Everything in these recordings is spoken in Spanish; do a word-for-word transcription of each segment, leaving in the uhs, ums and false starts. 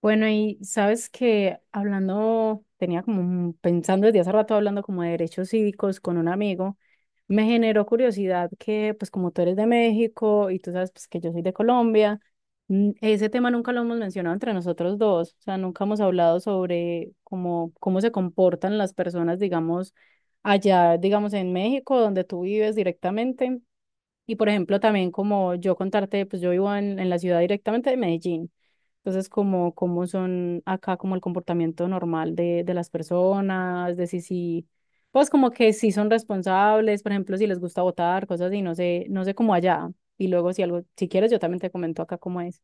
Bueno, y sabes que hablando, tenía como un- pensando desde hace rato hablando como de derechos cívicos con un amigo, me generó curiosidad que pues como tú eres de México y tú sabes pues que yo soy de Colombia, mm, ese tema nunca lo hemos mencionado entre nosotros dos, o sea, nunca hemos hablado sobre cómo, cómo se comportan las personas, digamos, allá, digamos, en México, donde tú vives directamente. Y por ejemplo, también como yo contarte, pues yo vivo en, en la ciudad directamente de Medellín. Entonces, como cómo son acá como el comportamiento normal de, de las personas, de si, si, pues como que si son responsables, por ejemplo, si les gusta votar, cosas así, no sé, no sé cómo allá. Y luego si algo, si quieres, yo también te comento acá cómo es.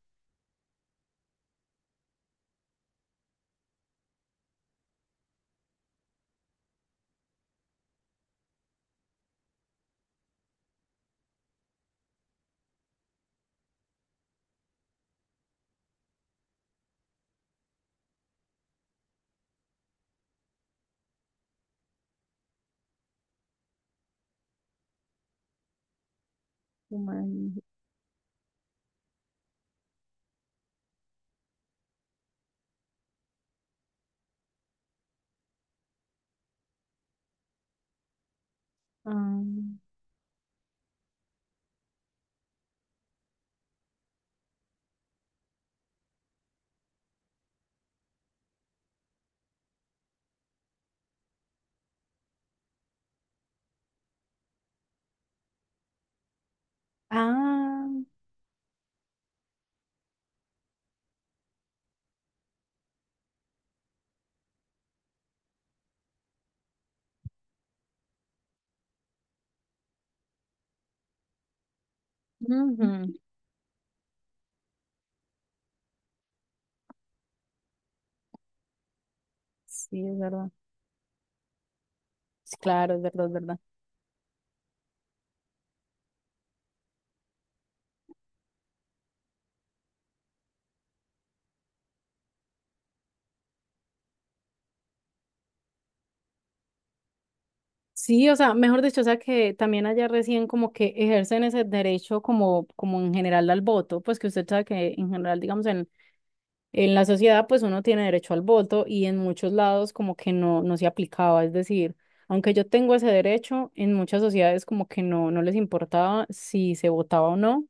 Human- Ah, ah, ujú. Sí, es verdad. Sí, claro, es verdad, es verdad. Sí, o sea, mejor dicho, o sea que también allá recién como que ejercen ese derecho como, como en general al voto, pues que usted sabe que en general, digamos, en, en la sociedad pues uno tiene derecho al voto y en muchos lados como que no, no se aplicaba, es decir, aunque yo tengo ese derecho, en muchas sociedades como que no, no les importaba si se votaba o no.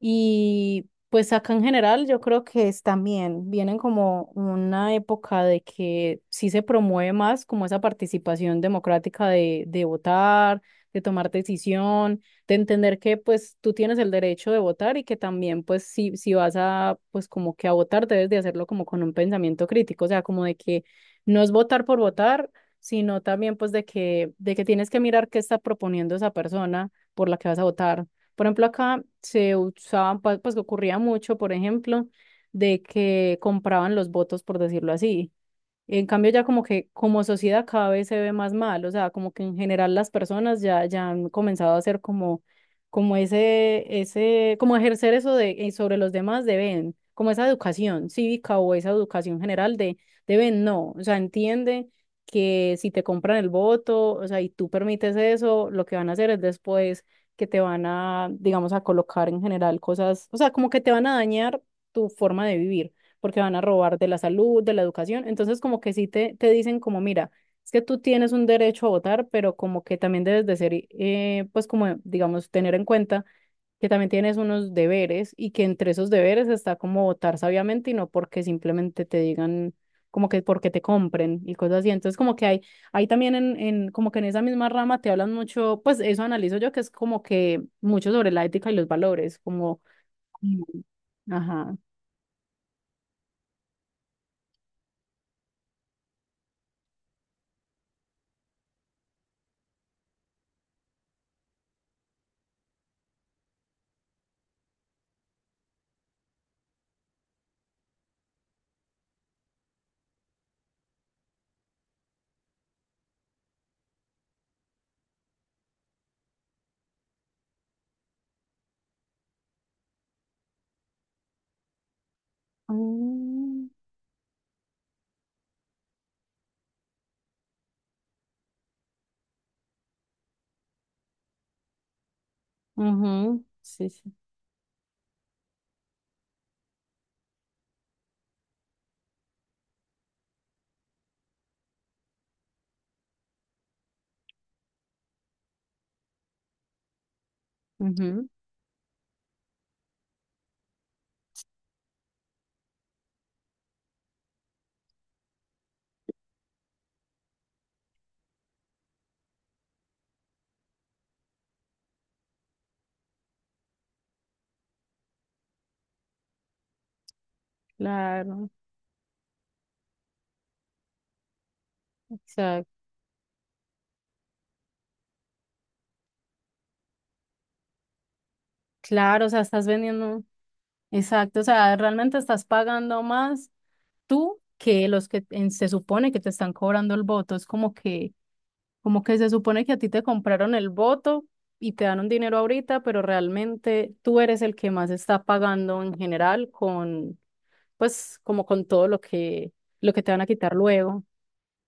Y pues acá en general yo creo que es también, vienen como una época de que sí se promueve más como esa participación democrática de, de votar, de tomar decisión, de entender que pues tú tienes el derecho de votar y que también pues si, si vas a pues como que a votar debes de hacerlo como con un pensamiento crítico, o sea, como de que no es votar por votar, sino también pues de que, de que tienes que mirar qué está proponiendo esa persona por la que vas a votar. Por ejemplo, acá se usaban, pa- pues que ocurría mucho, por ejemplo, de que compraban los votos, por decirlo así. En cambio, ya como que como sociedad cada vez se ve más mal, o sea, como que en general las personas ya, ya han comenzado a hacer como, como ese, ese, como ejercer eso de, eh, sobre los demás deben, como esa educación cívica o esa educación general de deben no, o sea, entiende que si te compran el voto, o sea, y tú permites eso, lo que van a hacer es después que te van a, digamos, a colocar en general cosas, o sea, como que te van a dañar tu forma de vivir porque van a robar de la salud, de la educación. Entonces, como que sí te, te dicen como, mira, es que tú tienes un derecho a votar, pero como que también debes de ser, eh, pues como, digamos, tener en cuenta que también tienes unos deberes y que entre esos deberes está como votar sabiamente y no porque simplemente te digan como que porque te compren y cosas así. Entonces, como que hay, hay también en, en, como que en esa misma rama te hablan mucho, pues eso analizo yo, que es como que mucho sobre la ética y los valores, como, mm, ajá. Mm. Ujú. Sí, sí, ujú. Claro, exacto. Claro, o sea, estás vendiendo. Exacto, o sea, realmente estás pagando más tú que los que en- se supone que te están cobrando el voto. Es como que, como que se supone que a ti te compraron el voto y te dan un dinero ahorita, pero realmente tú eres el que más está pagando en general con, pues, como con todo lo que, lo que te van a quitar luego.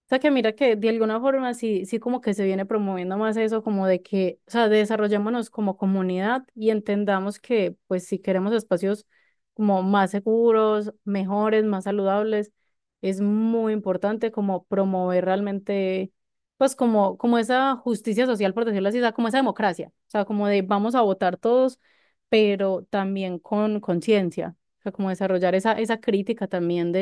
O sea que mira que de alguna forma sí, sí como que se viene promoviendo más eso, como de que, o sea, desarrollémonos como comunidad y entendamos que pues si queremos espacios como más seguros, mejores, más saludables, es muy importante como promover realmente pues como, como esa justicia social, por decirlo así, o sea, como esa democracia, o sea, como de vamos a votar todos, pero también con conciencia, o sea, como desarrollar esa, esa crítica también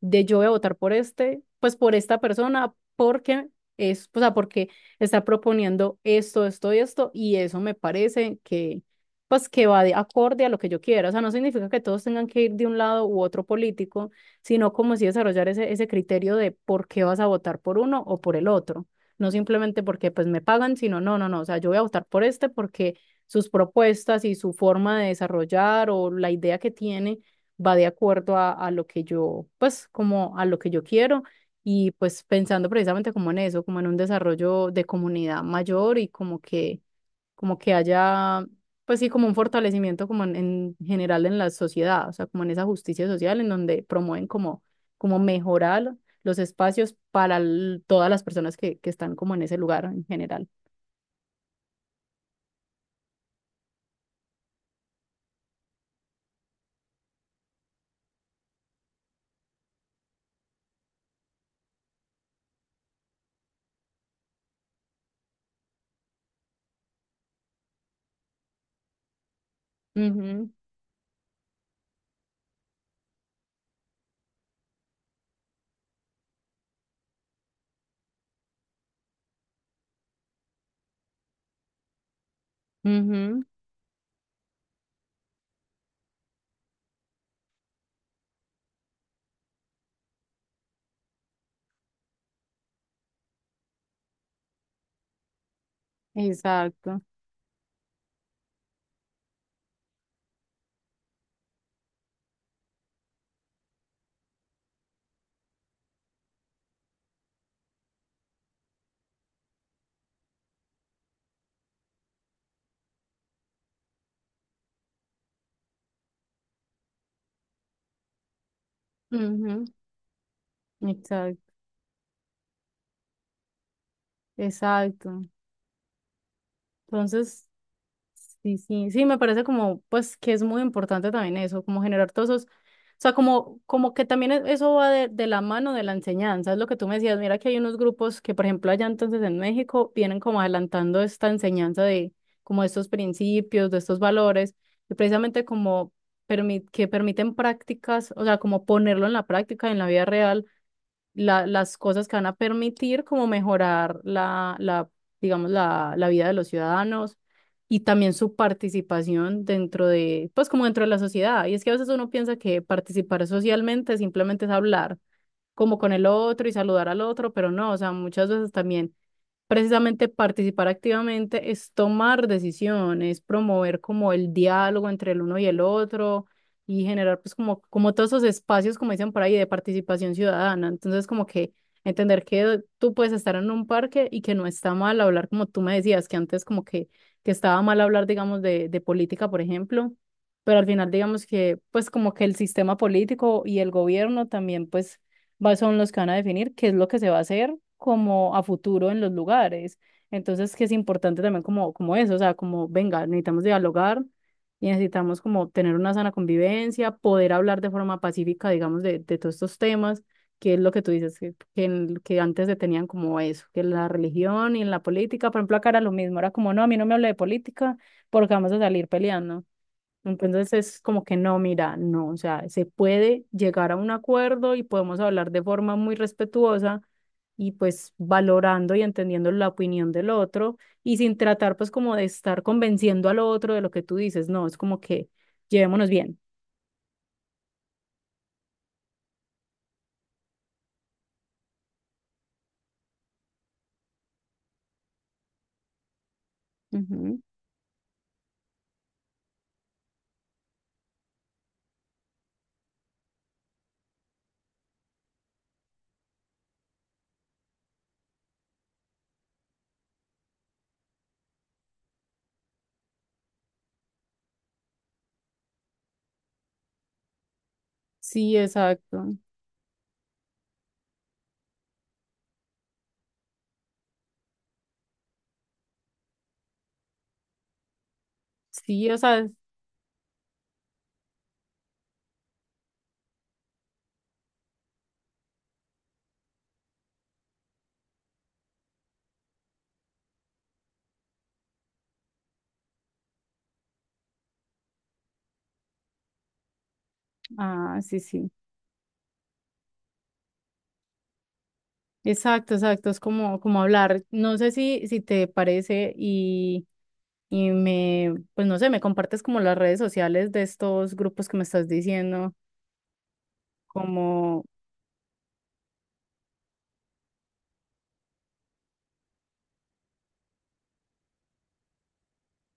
de yo voy a votar por este, pues por esta persona, porque es, o sea, porque está proponiendo esto, esto y esto, y eso me parece que, pues que va de acorde a lo que yo quiera. O sea, no significa que todos tengan que ir de un lado u otro político, sino como si desarrollar ese, ese criterio de por qué vas a votar por uno o por el otro. No simplemente porque pues me pagan, sino no, no, no. O sea, yo voy a votar por este porque sus propuestas y su forma de desarrollar o la idea que tiene va de acuerdo a, a lo que yo, pues como a lo que yo quiero. Y pues pensando precisamente como en eso, como en un desarrollo de comunidad mayor y como que, como que haya, pues sí, como un fortalecimiento como en, en general en la sociedad, o sea, como en esa justicia social en donde promueven como, como mejorar los espacios para l- todas las personas que, que están como en ese lugar en general. Ujú, ujú, exacto. Ujú, exacto. Exacto. Entonces, sí, sí, sí, me parece como, pues, que es muy importante también eso, como generar todos esos, o sea, como, como que también e- eso va de, de la mano de la enseñanza, es lo que tú me decías, mira que hay unos grupos que, por ejemplo, allá entonces en México vienen como adelantando esta enseñanza de como de estos principios, de estos valores, y precisamente como permi- que permiten prácticas, o sea, como ponerlo en la práctica, en la vida real la- las cosas que van a permitir como mejorar la, la digamos, la, la vida de los ciudadanos y también su participación dentro de, pues como dentro de la sociedad. Y es que a veces uno piensa que participar socialmente simplemente es hablar como con el otro y saludar al otro, pero no, o sea, muchas veces también precisamente participar activamente es tomar decisiones, promover como el diálogo entre el uno y el otro y generar pues como, como todos esos espacios, como dicen por ahí, de participación ciudadana. Entonces como que entender que tú puedes estar en un parque y que no está mal hablar, como tú me decías, que antes como que, que estaba mal hablar, digamos, de, de política, por ejemplo, pero al final digamos que pues como que el sistema político y el gobierno también pues va- son los que van a definir qué es lo que se va a hacer como a futuro en los lugares. Entonces, que es importante también como, como eso, o sea, como, venga, necesitamos dialogar y necesitamos como tener una sana convivencia, poder hablar de forma pacífica, digamos, de, de todos estos temas, que es lo que tú dices, que, que, en- que antes se tenían como eso, que en la religión y en la política, por ejemplo, acá era lo mismo, era como, no, a mí no me hable de política porque vamos a salir peleando. Entonces es como que no, mira, no, o sea, se puede llegar a un acuerdo y podemos hablar de forma muy respetuosa y pues valorando y entendiendo la opinión del otro y sin tratar pues como de estar convenciendo al otro de lo que tú dices, no, es como que llevémonos bien. Ujú. Sí, exacto. Sí, o sea, ah, sí, sí. Exacto, exacto, es como, como hablar, no sé si, si te parece y y me, pues no sé, me compartes como las redes sociales de estos grupos que me estás diciendo, como,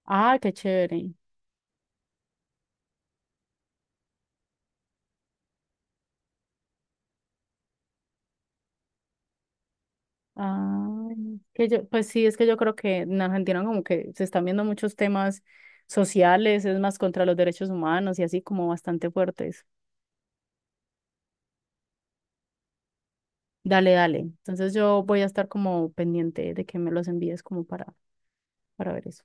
ah, qué chévere. Ah, que yo, pues sí, es que yo creo que en Argentina como que se están viendo muchos temas sociales, es más contra los derechos humanos y así como bastante fuertes. Dale, dale. Entonces yo voy a estar como pendiente de que me los envíes como para, para ver eso.